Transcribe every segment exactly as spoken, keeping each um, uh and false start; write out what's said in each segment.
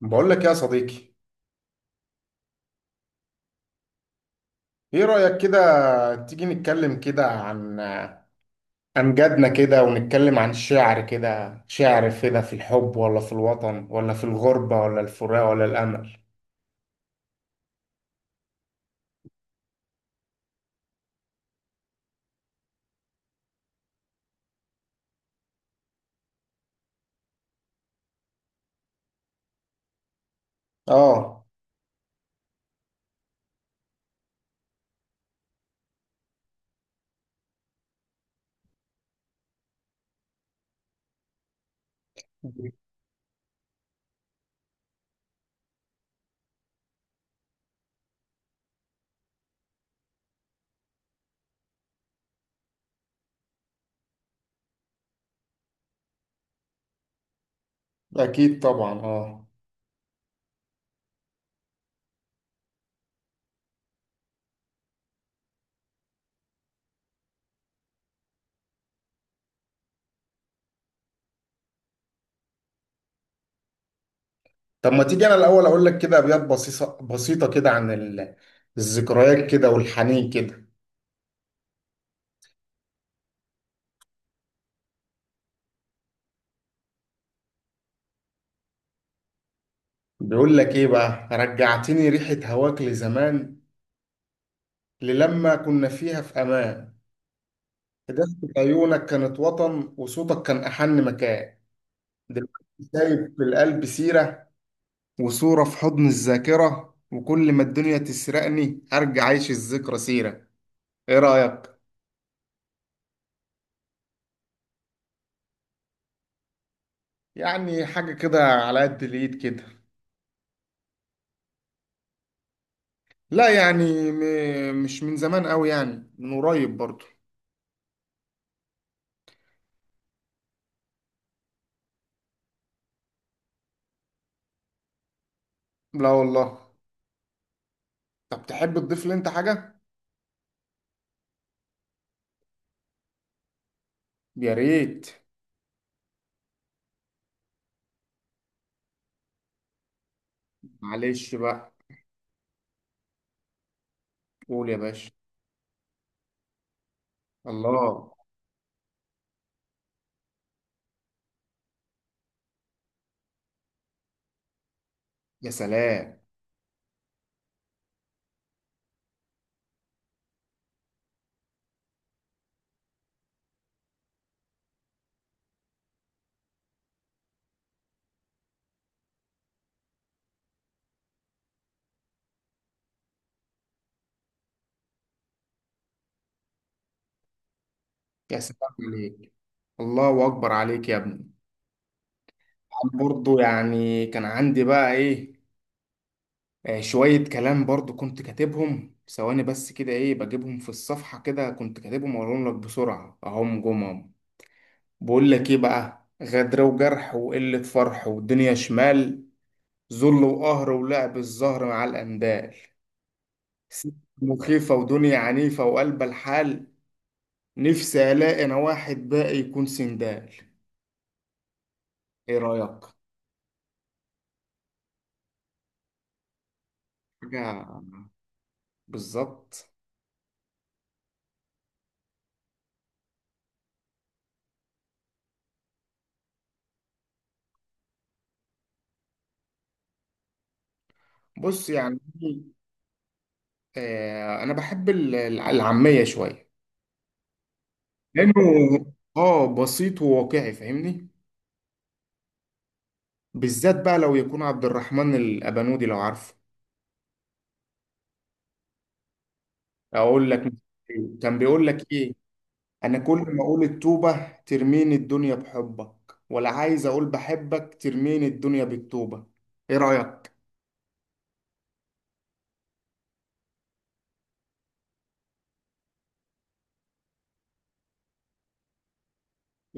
بقول لك يا صديقي، ايه رأيك كده؟ تيجي نتكلم كده عن امجادنا كده، ونتكلم عن الشعر كده، شعر كده في الحب ولا في الوطن ولا في الغربة ولا الفراق ولا الامل. اه، اكيد طبعا اه. طب ما تيجي انا الاول اقول لك كده ابيات بسيطة بسيطة كده عن ال- الذكريات كده والحنين كده. بيقول لك ايه بقى: رجعتني ريحة هواك لزمان، للما كنا فيها في امان، إجازة عيونك كانت وطن، وصوتك كان أحن مكان. دلوقتي سايب في القلب سيرة، وصورة في حضن الذاكرة، وكل ما الدنيا تسرقني أرجع أعيش الذكرى سيرة. إيه رأيك؟ يعني حاجة كده على قد الإيد كده. لا يعني م- مش من زمان أوي، يعني من قريب برضو. لا والله. طب تحب تضيف لي أنت حاجة؟ يا ريت. معلش بقى. قول يا باشا. الله. يا سلام. يا سلام عليك. الله أكبر عليك يا ابني. برضو يعني كان عندي بقى ايه، آه، شوية كلام برضو كنت كاتبهم ثواني بس كده، ايه بجيبهم في الصفحة كده كنت كاتبهم واقولهم لك بسرعة اهم جمهم. بقول لك ايه بقى: غدر وجرح وقلة فرح والدنيا شمال، ذل وقهر ولعب الزهر مع الأندال، ست مخيفة ودنيا عنيفة وقلب الحال، نفسي ألاقي أنا واحد باقي يكون سندال. إيه رأيك؟ حاجة. بالظبط. بص يعني آه، انا بحب ال- الع- العاميه شويه، لانه اه بسيط وواقعي، فاهمني؟ بالذات بقى لو يكون عبد الرحمن الابنودي، لو عارفه. اقول لك كان بيقول لك ايه: انا كل ما اقول التوبه ترميني الدنيا بحبك، ولا عايز اقول بحبك ترميني الدنيا بالتوبه. ايه رايك؟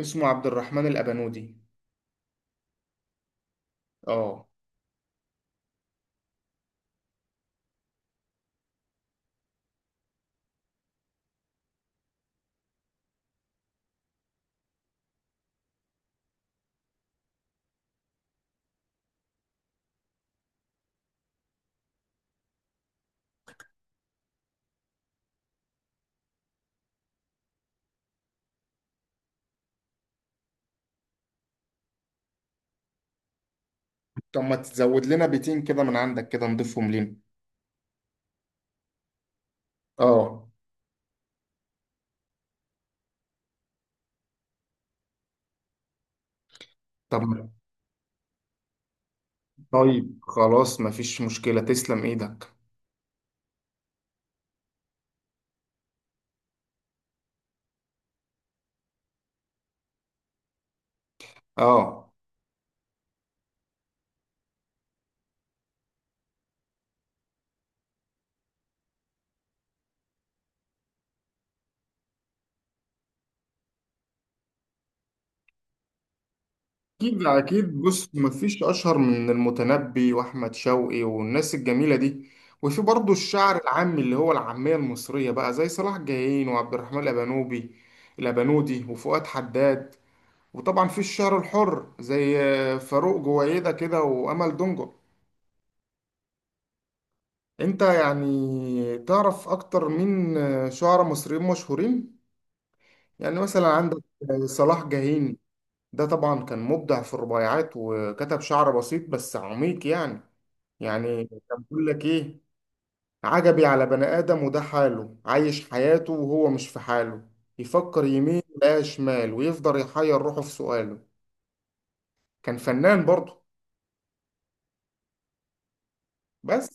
اسمه عبد الرحمن الابنودي. اه. طب ما تزود لنا بيتين كده من عندك كده نضيفهم لينا. اه. طب طيب خلاص مفيش مشكله، تسلم ايدك. اه اكيد اكيد. بص مفيش اشهر من المتنبي واحمد شوقي والناس الجميله دي، وفي برضه الشعر العامي اللي هو العاميه المصريه بقى زي صلاح جاهين وعبد الرحمن الابنوبي الابنودي وفؤاد حداد، وطبعا في الشعر الحر زي آه، فاروق جويده كده وامل دنجل. انت يعني تعرف اكتر مين آه، شعراء مصريين مشهورين؟ يعني مثلا عندك آه، صلاح جاهين، ده طبعا كان مبدع في الرباعيات وكتب شعر بسيط بس عميق يعني. يعني كان بيقول لك ايه: عجبي على بني آدم وده حاله، عايش حياته وهو مش في حاله، يفكر يمين لا شمال ويفضل يحير روحه في سؤاله. كان فنان برضه. بس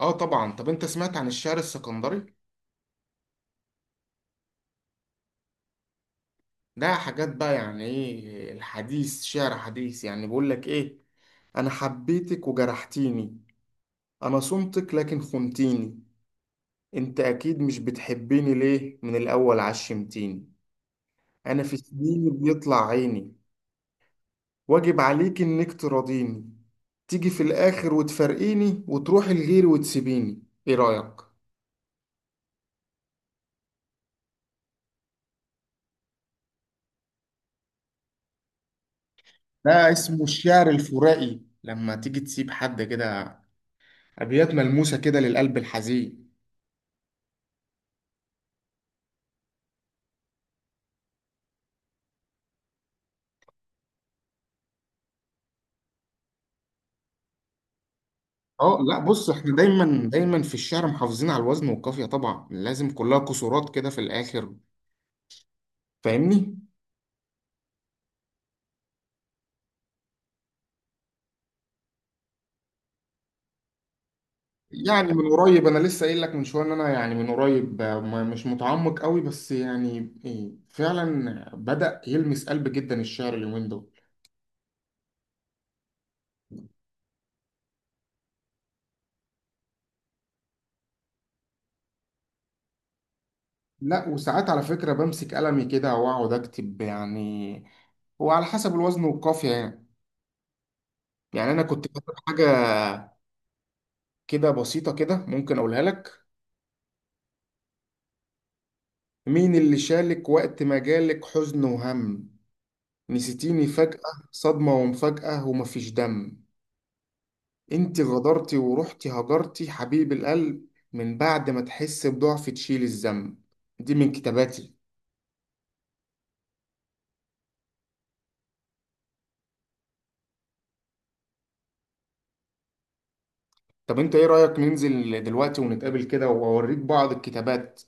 اه طبعا. طب انت سمعت عن الشعر السكندري؟ ده حاجات بقى يعني ايه الحديث، شعر حديث، يعني بيقول لك ايه: انا حبيتك وجرحتيني، انا صمتك لكن خنتيني، انت اكيد مش بتحبيني، ليه من الاول عشمتيني، انا في سنيني بيطلع عيني، واجب عليك انك تراضيني، تيجي في الاخر وتفارقيني وتروحي لغيري وتسيبيني. ايه رايك؟ ده اسمه الشعر الفرائي، لما تيجي تسيب حد كده ابيات ملموسه كده للقلب الحزين. اه لا بص، احنا دايما دايما في الشعر محافظين على الوزن والقافيه طبعا، لازم كلها كسورات كده في الاخر، فاهمني؟ يعني من قريب، انا لسه قايل لك من شويه ان انا يعني من قريب آه، ما- مش متعمق قوي، بس يعني إيه، فعلا بدأ يلمس قلب جدا الشعر اليومين دول. لا وساعات على فكره بمسك قلمي كده واقعد اكتب يعني، هو على حسب الوزن والقافيه يعني. يعني انا كنت كاتب حاجه كده بسيطه كده، ممكن اقولها لك: مين اللي شالك وقت ما جالك حزن وهم؟ نسيتيني فجأة، صدمة ومفاجأة ومفيش دم، انت غدرتي ورحتي هجرتي حبيب القلب، من بعد ما تحس بضعف تشيل الذنب. دي من كتاباتي. طب انت ايه رأيك ننزل دلوقتي ونتقابل كده واوريك بعض الكتابات؟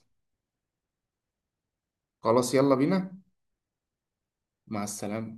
خلاص يلا بينا. مع السلامة.